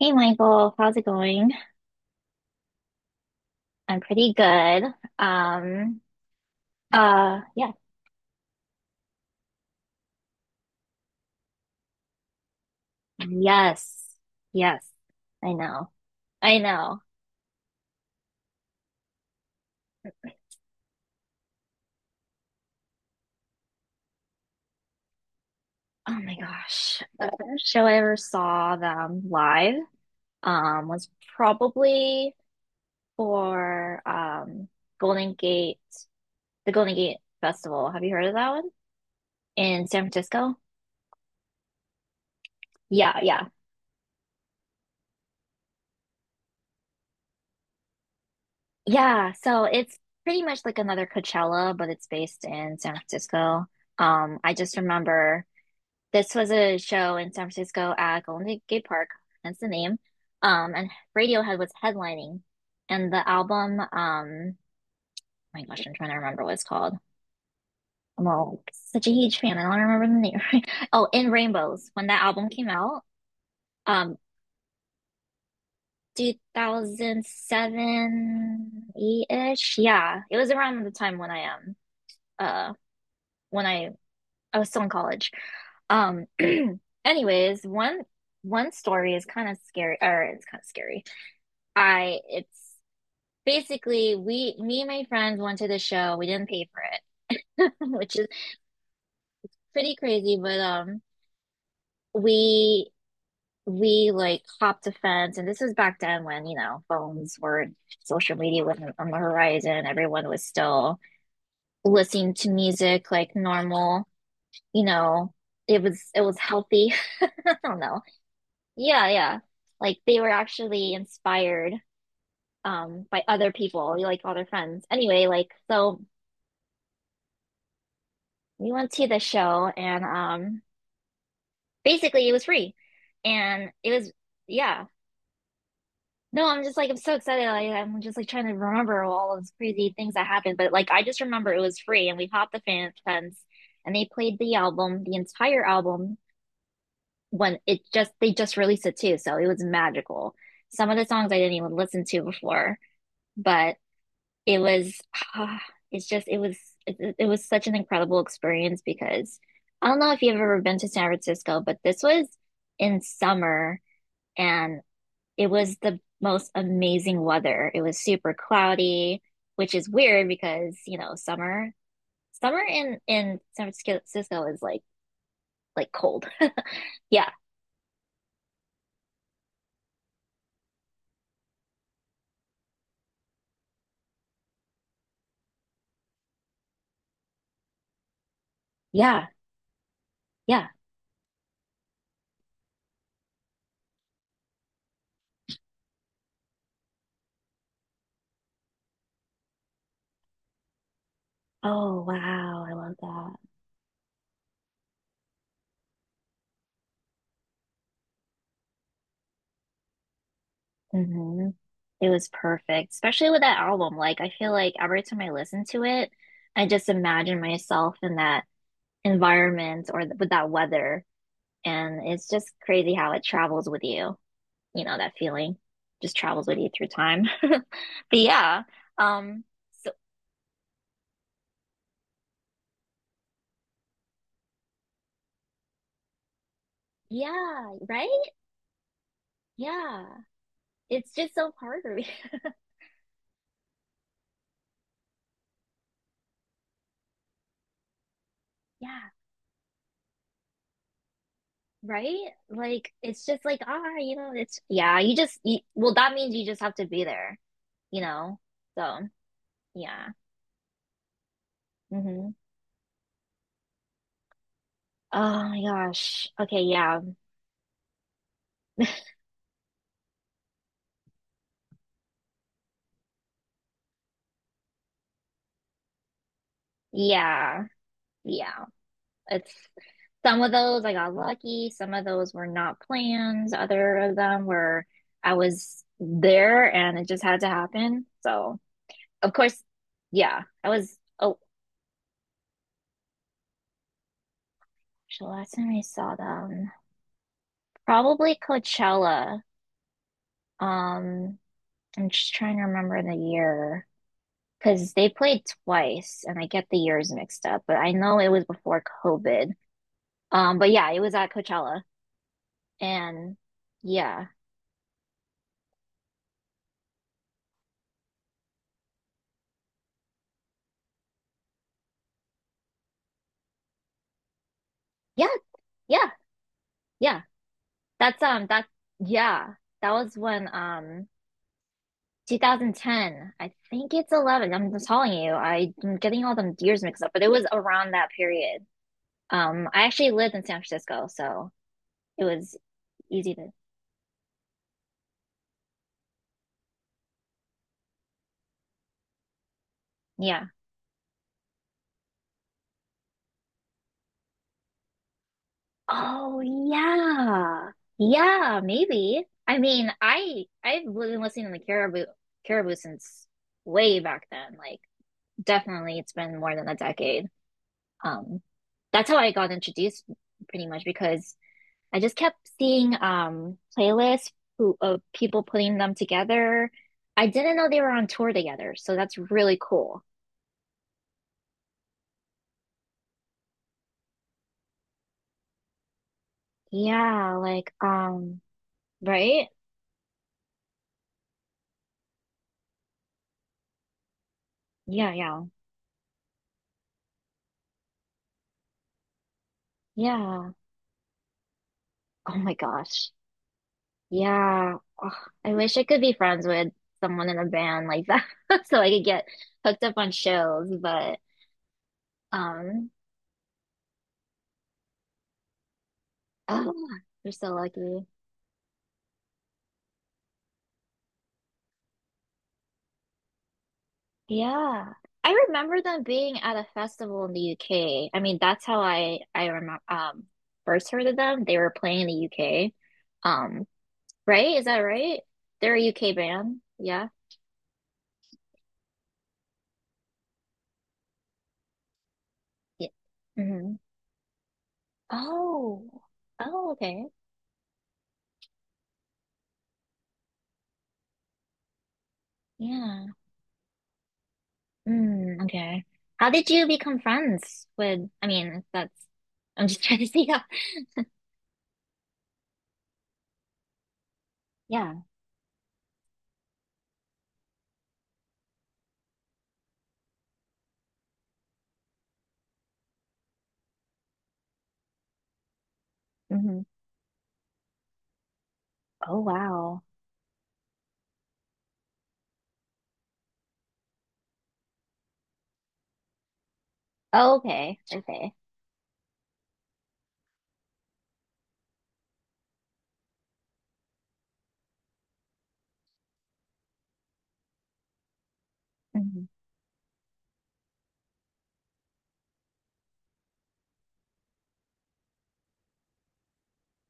Hey Michael, how's it going? I'm pretty good. Um, yeah. Yes. Yes. I know. I know. Oh my gosh. The first show I ever saw them live, was probably for, Golden Gate, the Golden Gate Festival. Have you heard of that one? In San Francisco? Yeah, yeah. Yeah, so it's pretty much like another Coachella, but it's based in San Francisco. I just remember this was a show in San Francisco at Golden Gate Park, hence the name. And Radiohead was headlining, and oh my gosh, I'm trying to remember what it's called. I'm all such a huge fan. I don't remember the name. Right? Oh, In Rainbows, when that album came out, um, 2007, 8-ish. Yeah, it was around the time uh, when I was still in college. Um, anyways, one story is kind of scary, or it's kind of scary. I it's basically, we me and my friends went to the show. We didn't pay for it, which is pretty crazy, but we we like hopped a fence, and this was back then when, you know, phones were social media wasn't on the horizon. Everyone was still listening to music like normal, you know. It was healthy. I don't know. Yeah, yeah. Like they were actually inspired by other people, like other friends. Anyway, like, so we went to the show and basically it was free. And it was yeah. No, I'm just like, I'm so excited. Like I'm just like trying to remember all of those crazy things that happened. But like, I just remember it was free and we popped the fan fence, and they played the album, the entire album when it just they just released it too. So it was magical. Some of the songs I didn't even listen to before, but it was ah, it's just it was it, it was such an incredible experience because I don't know if you've ever been to San Francisco, but this was in summer, and it was the most amazing weather. It was super cloudy, which is weird because, you know, summer in San Francisco is like cold. Yeah. Yeah. Yeah. Oh, wow. I love that. Mhm. It was perfect, especially with that album. Like, I feel like every time I listen to it, I just imagine myself in that environment or th with that weather. And it's just crazy how it travels with you. You know, that feeling just travels with you through time. But yeah, um, so yeah, right? Yeah. It's just so hard for me. Yeah, right? Like, it's just like, ah, you know, it's, yeah, you just, you, well, that means you just have to be there, you know? So. Yeah. Hmm. Oh my gosh. Okay, yeah. Yeah. Yeah. It's some of those I got lucky, some of those were not plans. Other of them were I was there and it just had to happen. So, of course, yeah. I was oh, the last time I saw them, probably Coachella. Um, I'm just trying to remember the year because they played twice and I get the years mixed up, but I know it was before COVID. But yeah, it was at Coachella. And yeah. Yeah, yeah, yeah. That's that yeah. That was when 2010. I think it's 11. I'm just telling you. I'm getting all the years mixed up, but it was around that period. I actually lived in San Francisco, so it was easy to yeah. Oh yeah. Yeah, maybe. I mean, I I've been listening to the Caribou since way back then. Like definitely it's been more than a decade. Um, that's how I got introduced pretty much because I just kept seeing playlists who, of people putting them together. I didn't know they were on tour together, so that's really cool. Yeah, like right? Yeah, yeah. Yeah. Oh my gosh. Yeah. Ugh, I wish I could be friends with someone in a band like that so I could get hooked up on shows, but um oh, you're so lucky. Yeah. I remember them being at a festival in the UK. I mean, that's how I remember first heard of them. They were playing in the UK. Um, right? Is that right? They're a UK band. Yeah. Yeah. Hmm. Oh. Oh, okay. Yeah. Mm, okay. How did you become friends with, I mean, that's I'm just trying to see how. Yeah. Hmm. Oh, wow. Oh, okay. Okay. Hmm.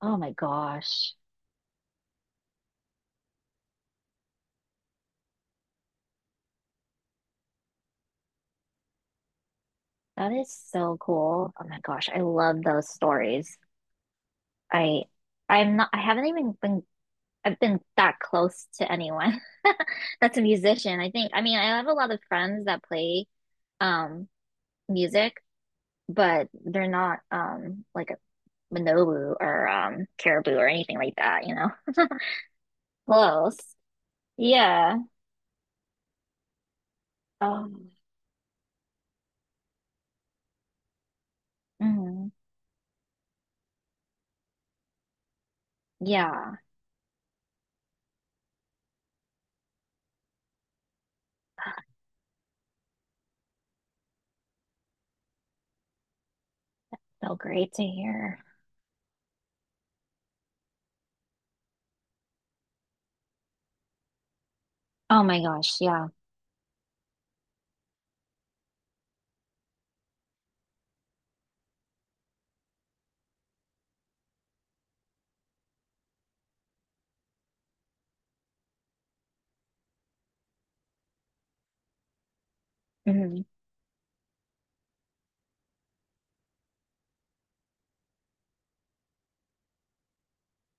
Oh my gosh. That is so cool. Oh my gosh, I love those stories. I I'm not I haven't even been I've been that close to anyone that's a musician. I think, I mean, I have a lot of friends that play um music, but they're not like a Manobu or Caribou or anything like that, you know. Close. Yeah. Um mhm. Yeah. So great to hear. Oh my gosh, yeah. Mhm.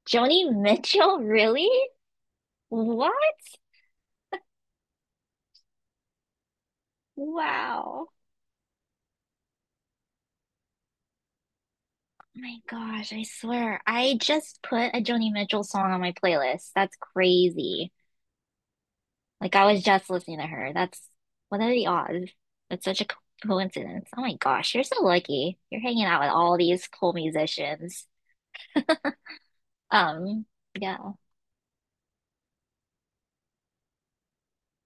Joni Mitchell, really? What? Wow. Oh my gosh, I swear. I just put a Joni Mitchell song on my playlist. That's crazy. Like I was just listening to her. That's what are the odds? That's such a coincidence. Oh my gosh, you're so lucky. You're hanging out with all these cool musicians. Um, yeah.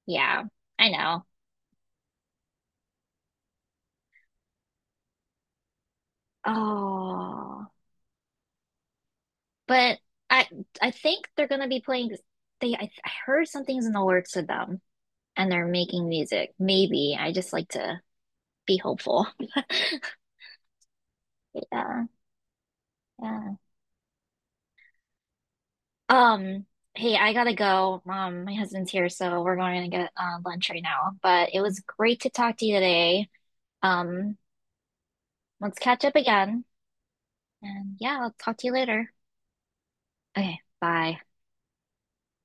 Yeah, I know. Oh, but I I think they're gonna be playing they I heard something's in the works with them and they're making music. Maybe. I just like to be hopeful. Yeah, yeah. Um, hey, I gotta go. My husband's here, so we're going to get lunch right now. But it was great to talk to you today. Um, let's catch up again. And yeah, I'll talk to you later. Okay, bye.